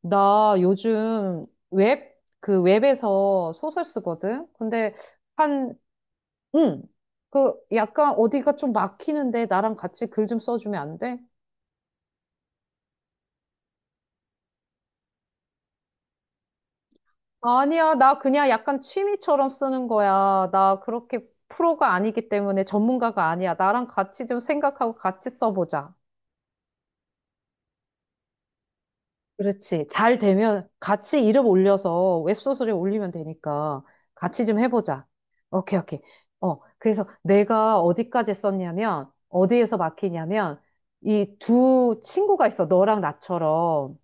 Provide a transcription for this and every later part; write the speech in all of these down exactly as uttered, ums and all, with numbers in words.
나 요즘 웹, 그 웹에서 소설 쓰거든? 근데 한, 응. 그 약간 어디가 좀 막히는데 나랑 같이 글 좀 써주면 안 돼? 아니야. 나 그냥 약간 취미처럼 쓰는 거야. 나 그렇게 프로가 아니기 때문에 전문가가 아니야. 나랑 같이 좀 생각하고 같이 써보자. 그렇지. 잘 되면 같이 이름 올려서 웹소설에 올리면 되니까 같이 좀 해보자. 오케이, 오케이. 어, 그래서 내가 어디까지 썼냐면, 어디에서 막히냐면, 이 두 친구가 있어. 너랑 나처럼.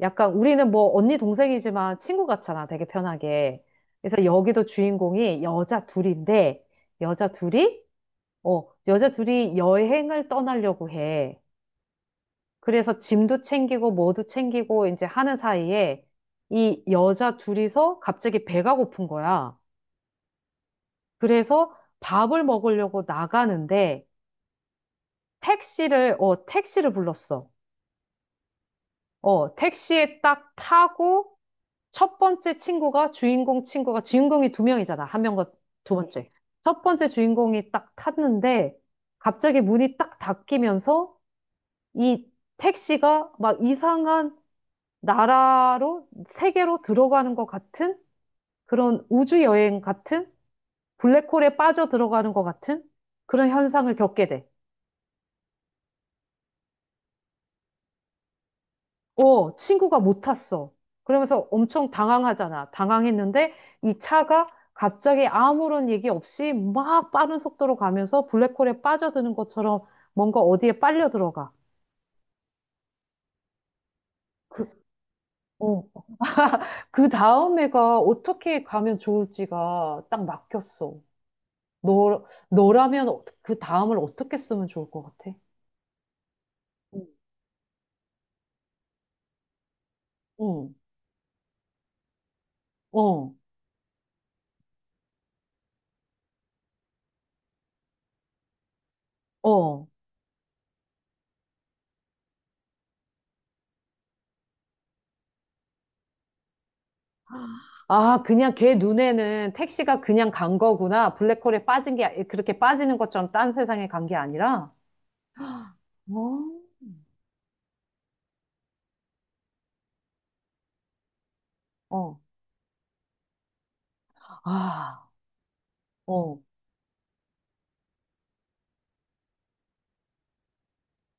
약간 우리는 뭐 언니 동생이지만 친구 같잖아. 되게 편하게. 그래서 여기도 주인공이 여자 둘인데, 여자 둘이, 어, 여자 둘이 여행을 떠나려고 해. 그래서 짐도 챙기고 뭐도 챙기고 이제 하는 사이에 이 여자 둘이서 갑자기 배가 고픈 거야. 그래서 밥을 먹으려고 나가는데 택시를, 어, 택시를 불렀어. 어, 택시에 딱 타고 첫 번째 친구가 주인공 친구가 주인공이 두 명이잖아. 한 명과 두 번째. 첫 번째 주인공이 딱 탔는데 갑자기 문이 딱 닫히면서 이 택시가 막 이상한 나라로, 세계로 들어가는 것 같은 그런 우주 여행 같은 블랙홀에 빠져 들어가는 것 같은 그런 현상을 겪게 돼. 어, 친구가 못 탔어. 그러면서 엄청 당황하잖아. 당황했는데 이 차가 갑자기 아무런 얘기 없이 막 빠른 속도로 가면서 블랙홀에 빠져드는 것처럼 뭔가 어디에 빨려 들어가. 그, 어, 그 다음 애가 어떻게 가면 좋을지가 딱 막혔어. 너, 너라면 어- 그 다음을 어떻게 쓰면 좋을 것 같아? 음. 응, 응, 어, 어. 아, 그냥 걔 눈에는 택시가 그냥 간 거구나. 블랙홀에 빠진 게, 그렇게 빠지는 것처럼 딴 세상에 간 게 아니라? 어? 어, 아, 어,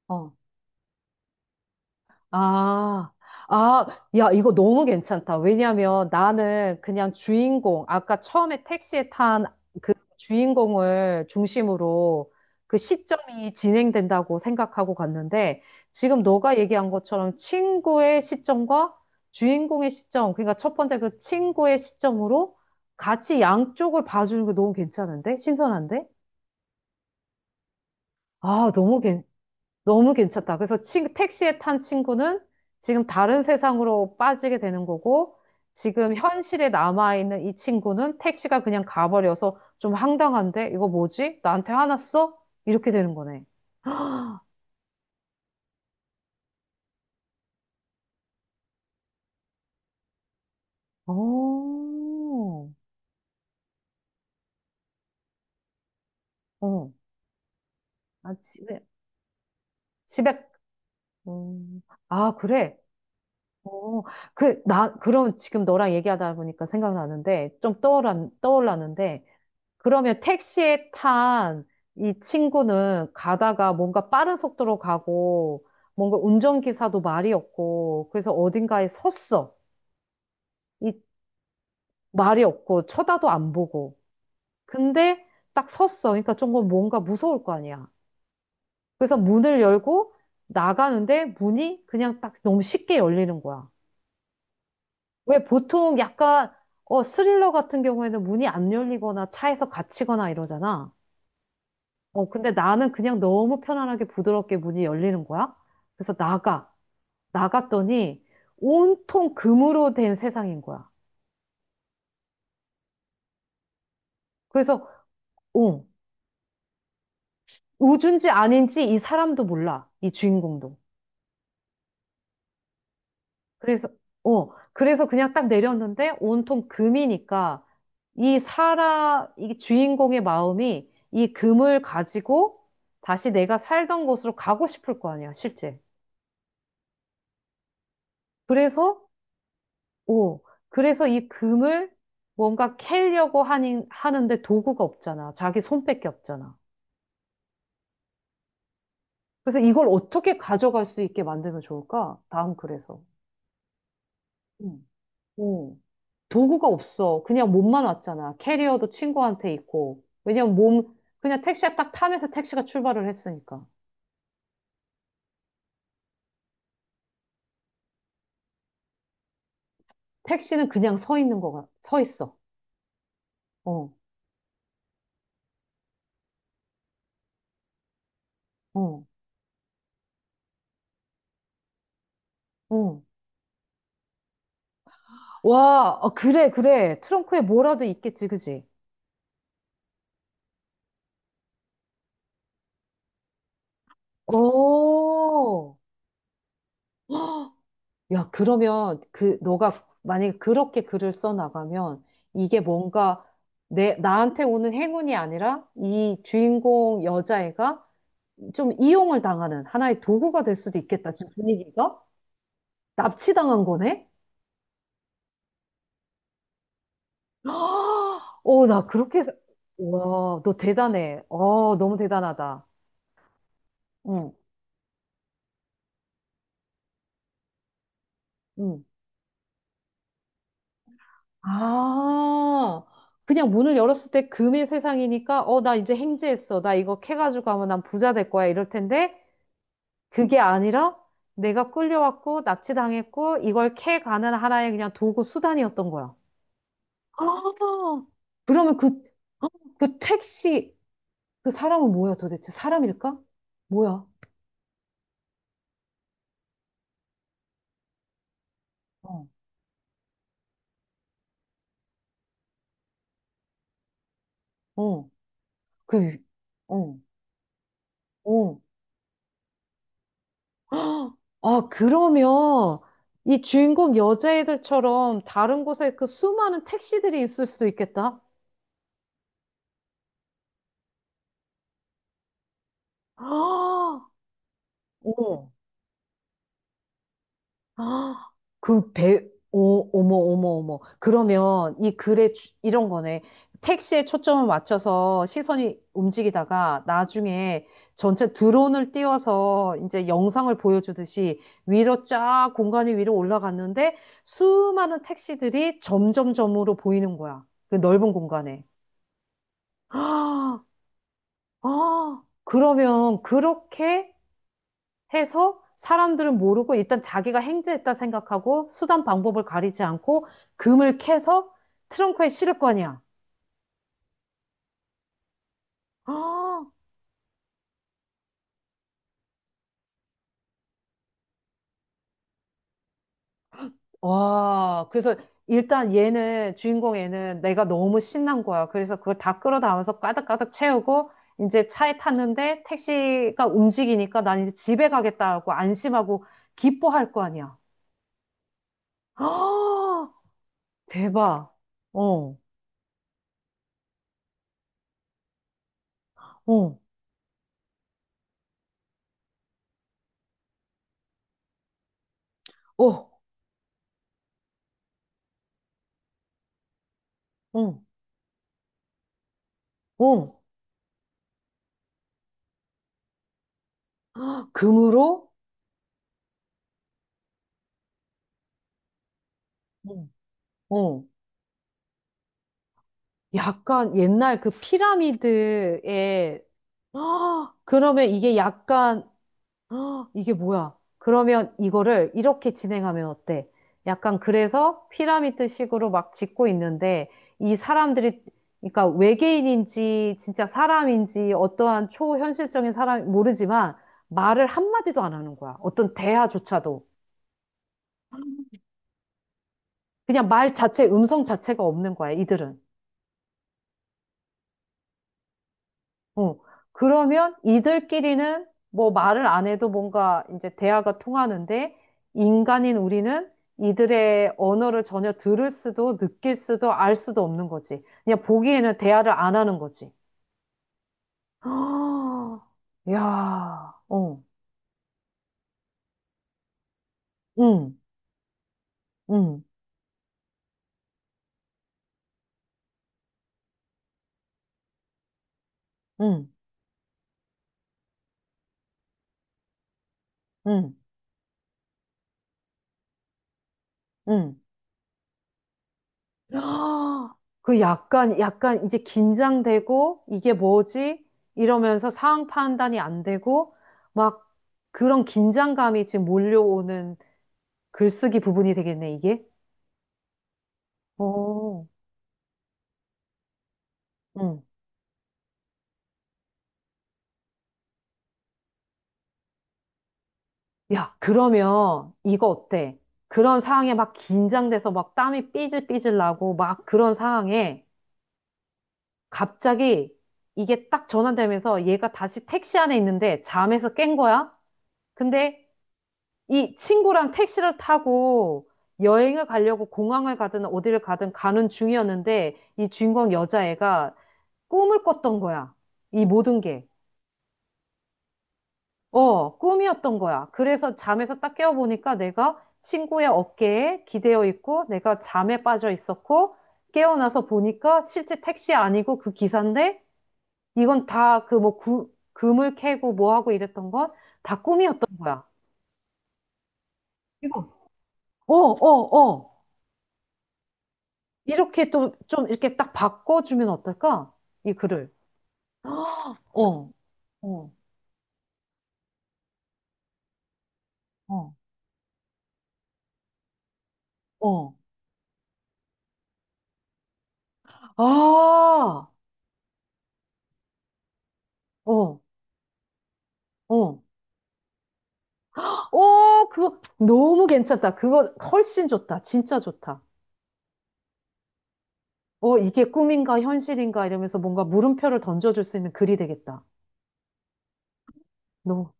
어. 아, 아, 야, 이거 너무 괜찮다. 왜냐면 나는 그냥 주인공, 아까 처음에 택시에 탄 그 주인공을 중심으로 그 시점이 진행된다고 생각하고 갔는데 지금 너가 얘기한 것처럼 친구의 시점과 주인공의 시점, 그러니까 첫 번째 그 친구의 시점으로 같이 양쪽을 봐주는 게 너무 괜찮은데? 신선한데? 아, 너무 괜찮 너무 괜찮다. 그래서 친, 택시에 탄 친구는 지금 다른 세상으로 빠지게 되는 거고, 지금 현실에 남아있는 이 친구는 택시가 그냥 가버려서 좀 황당한데? 이거 뭐지? 나한테 화났어? 이렇게 되는 거네. 오, 어, 아, 집에, 집에, 음, 아, 그래. 어, 그, 나, 그럼 지금 너랑 얘기하다 보니까 생각나는데, 좀 떠올랐, 떠올랐는데, 그러면 택시에 탄 이 친구는 가다가 뭔가 빠른 속도로 가고 뭔가 운전기사도 말이 없고 그래서 어딘가에 섰어. 이 말이 없고 쳐다도 안 보고. 근데 딱 섰어. 그러니까 조금 뭔가 무서울 거 아니야. 그래서 문을 열고 나가는데 문이 그냥 딱 너무 쉽게 열리는 거야. 왜 보통 약간 어 스릴러 같은 경우에는 문이 안 열리거나 차에서 갇히거나 이러잖아. 어, 근데 나는 그냥 너무 편안하게 부드럽게 문이 열리는 거야. 그래서 나가. 나갔더니 온통 금으로 된 세상인 거야. 그래서, 어, 우주인지 아닌지 이 사람도 몰라. 이 주인공도. 그래서, 어, 그래서 그냥 딱 내렸는데 온통 금이니까 이 사람, 이 주인공의 마음이 이 금을 가지고 다시 내가 살던 곳으로 가고 싶을 거 아니야, 실제. 그래서 오, 그래서 이 금을 뭔가 캐려고 하니, 하는데 도구가 없잖아. 자기 손밖에 없잖아. 그래서 이걸 어떻게 가져갈 수 있게 만들면 좋을까? 다음 글에서. 음. 오, 도구가 없어. 그냥 몸만 왔잖아. 캐리어도 친구한테 있고. 왜냐면 몸, 그냥 택시가 딱 타면서 택시가 출발을 했으니까. 택시는 그냥 서 있는 거가, 서 있어. 어, 어, 어. 와, 어, 그래, 그래. 트렁크에 뭐라도 있겠지, 그지? 오, 야, 그러면 그 너가 만약에 그렇게 글을 써 나가면 이게 뭔가 내 나한테 오는 행운이 아니라 이 주인공 여자애가 좀 이용을 당하는 하나의 도구가 될 수도 있겠다. 지금 분위기가 납치당한 거네? 어, 나 그렇게 해서- 와, 너 대단해. 어, 너무 대단하다. 응, 응. 아, 그냥 문을 열었을 때 금의 세상이니까, 어, 나 이제 행제했어. 나 이거 캐가지고 가면 난 부자 될 거야. 이럴 텐데, 그게 아니라 내가 끌려왔고 납치당했고 이걸 캐가는 하나의 그냥 도구 수단이었던 거야. 아, 그러면 그, 그 택시, 그 사람은 뭐야 도대체? 사람일까? 뭐야? 어, 어, 그, 위- 어, 어. 헉! 아, 그러면 이 주인공 여자애들처럼 다른 곳에 그 수많은 택시들이 있을 수도 있겠다. 아, 어. 아, 그 배, 오, 어머, 어머, 어머. 그러면 이 글에 주- 이런 거네. 택시에 초점을 맞춰서 시선이 움직이다가 나중에 전체 드론을 띄워서 이제 영상을 보여주듯이 위로 쫙 공간이 위로 올라갔는데 수많은 택시들이 점점점으로 보이는 거야. 그 넓은 공간에. 아, 아, 그러면 그렇게 해서 사람들은 모르고 일단 자기가 행제했다 생각하고 수단 방법을 가리지 않고 금을 캐서 트렁크에 실을 거 아니야. 아, 와, 그래서 일단 얘는, 주인공 얘는 내가 너무 신난 거야. 그래서 그걸 다 끌어다면서 까닥까닥 채우고 이제 차에 탔는데 택시가 움직이니까 난 이제 집에 가겠다고 안심하고 기뻐할 거 아니야. 아, 대박. 어, 어, 어, 어, 어. 금으로? 어. 어. 약간 옛날 그 피라미드에, 아, 그러면 이게 약간, 아, 이게 뭐야? 그러면 이거를 이렇게 진행하면 어때? 약간 그래서 피라미드식으로 막 짓고 있는데, 이 사람들이, 그러니까 외계인인지, 진짜 사람인지, 어떠한 초현실적인 사람, 모르지만, 말을 한마디도 안 하는 거야. 어떤 대화조차도. 그냥 말 자체, 음성 자체가 없는 거야, 이들은. 어, 그러면 이들끼리는 뭐 말을 안 해도 뭔가 이제 대화가 통하는데 인간인 우리는 이들의 언어를 전혀 들을 수도 느낄 수도 알 수도 없는 거지. 그냥 보기에는 대화를 안 하는 거지. 아, 야, 어, 응, 응, 응, 응, 응. 아, 그 약간, 약간 이제 긴장되고, 이게 뭐지? 이러면서 상황 판단이 안 되고, 막 그런 긴장감이 지금 몰려오는 글쓰기 부분이 되겠네, 이게. 어, 응. 야, 그러면 이거 어때? 그런 상황에 막 긴장돼서 막 땀이 삐질삐질 나고, 막 그런 상황에 갑자기 이게 딱 전환되면서 얘가 다시 택시 안에 있는데 잠에서 깬 거야? 근데 이 친구랑 택시를 타고 여행을 가려고 공항을 가든 어디를 가든 가는 중이었는데 이 주인공 여자애가 꿈을 꿨던 거야. 이 모든 게. 어, 꿈이었던 거야. 그래서 잠에서 딱 깨어보니까 내가 친구의 어깨에 기대어 있고 내가 잠에 빠져 있었고 깨어나서 보니까 실제 택시 아니고 그 기사인데 이건 다 그 뭐 금을 캐고 뭐 하고 이랬던 건 다 꿈이었던 거야. 이거, 어, 어, 어. 이렇게 또 좀 이렇게 딱 바꿔주면 어떨까? 이 글을. 헉, 어, 어, 어, 어. 아, 어, 어. 어, 그거 너무 괜찮다. 그거 훨씬 좋다. 진짜 좋다. 어, 이게 꿈인가 현실인가 이러면서 뭔가 물음표를 던져줄 수 있는 글이 되겠다. 너무.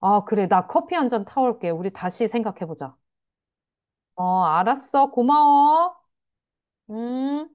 아, 그래. 나 커피 한잔 타올게. 우리 다시 생각해보자. 어, 알았어. 고마워. 음.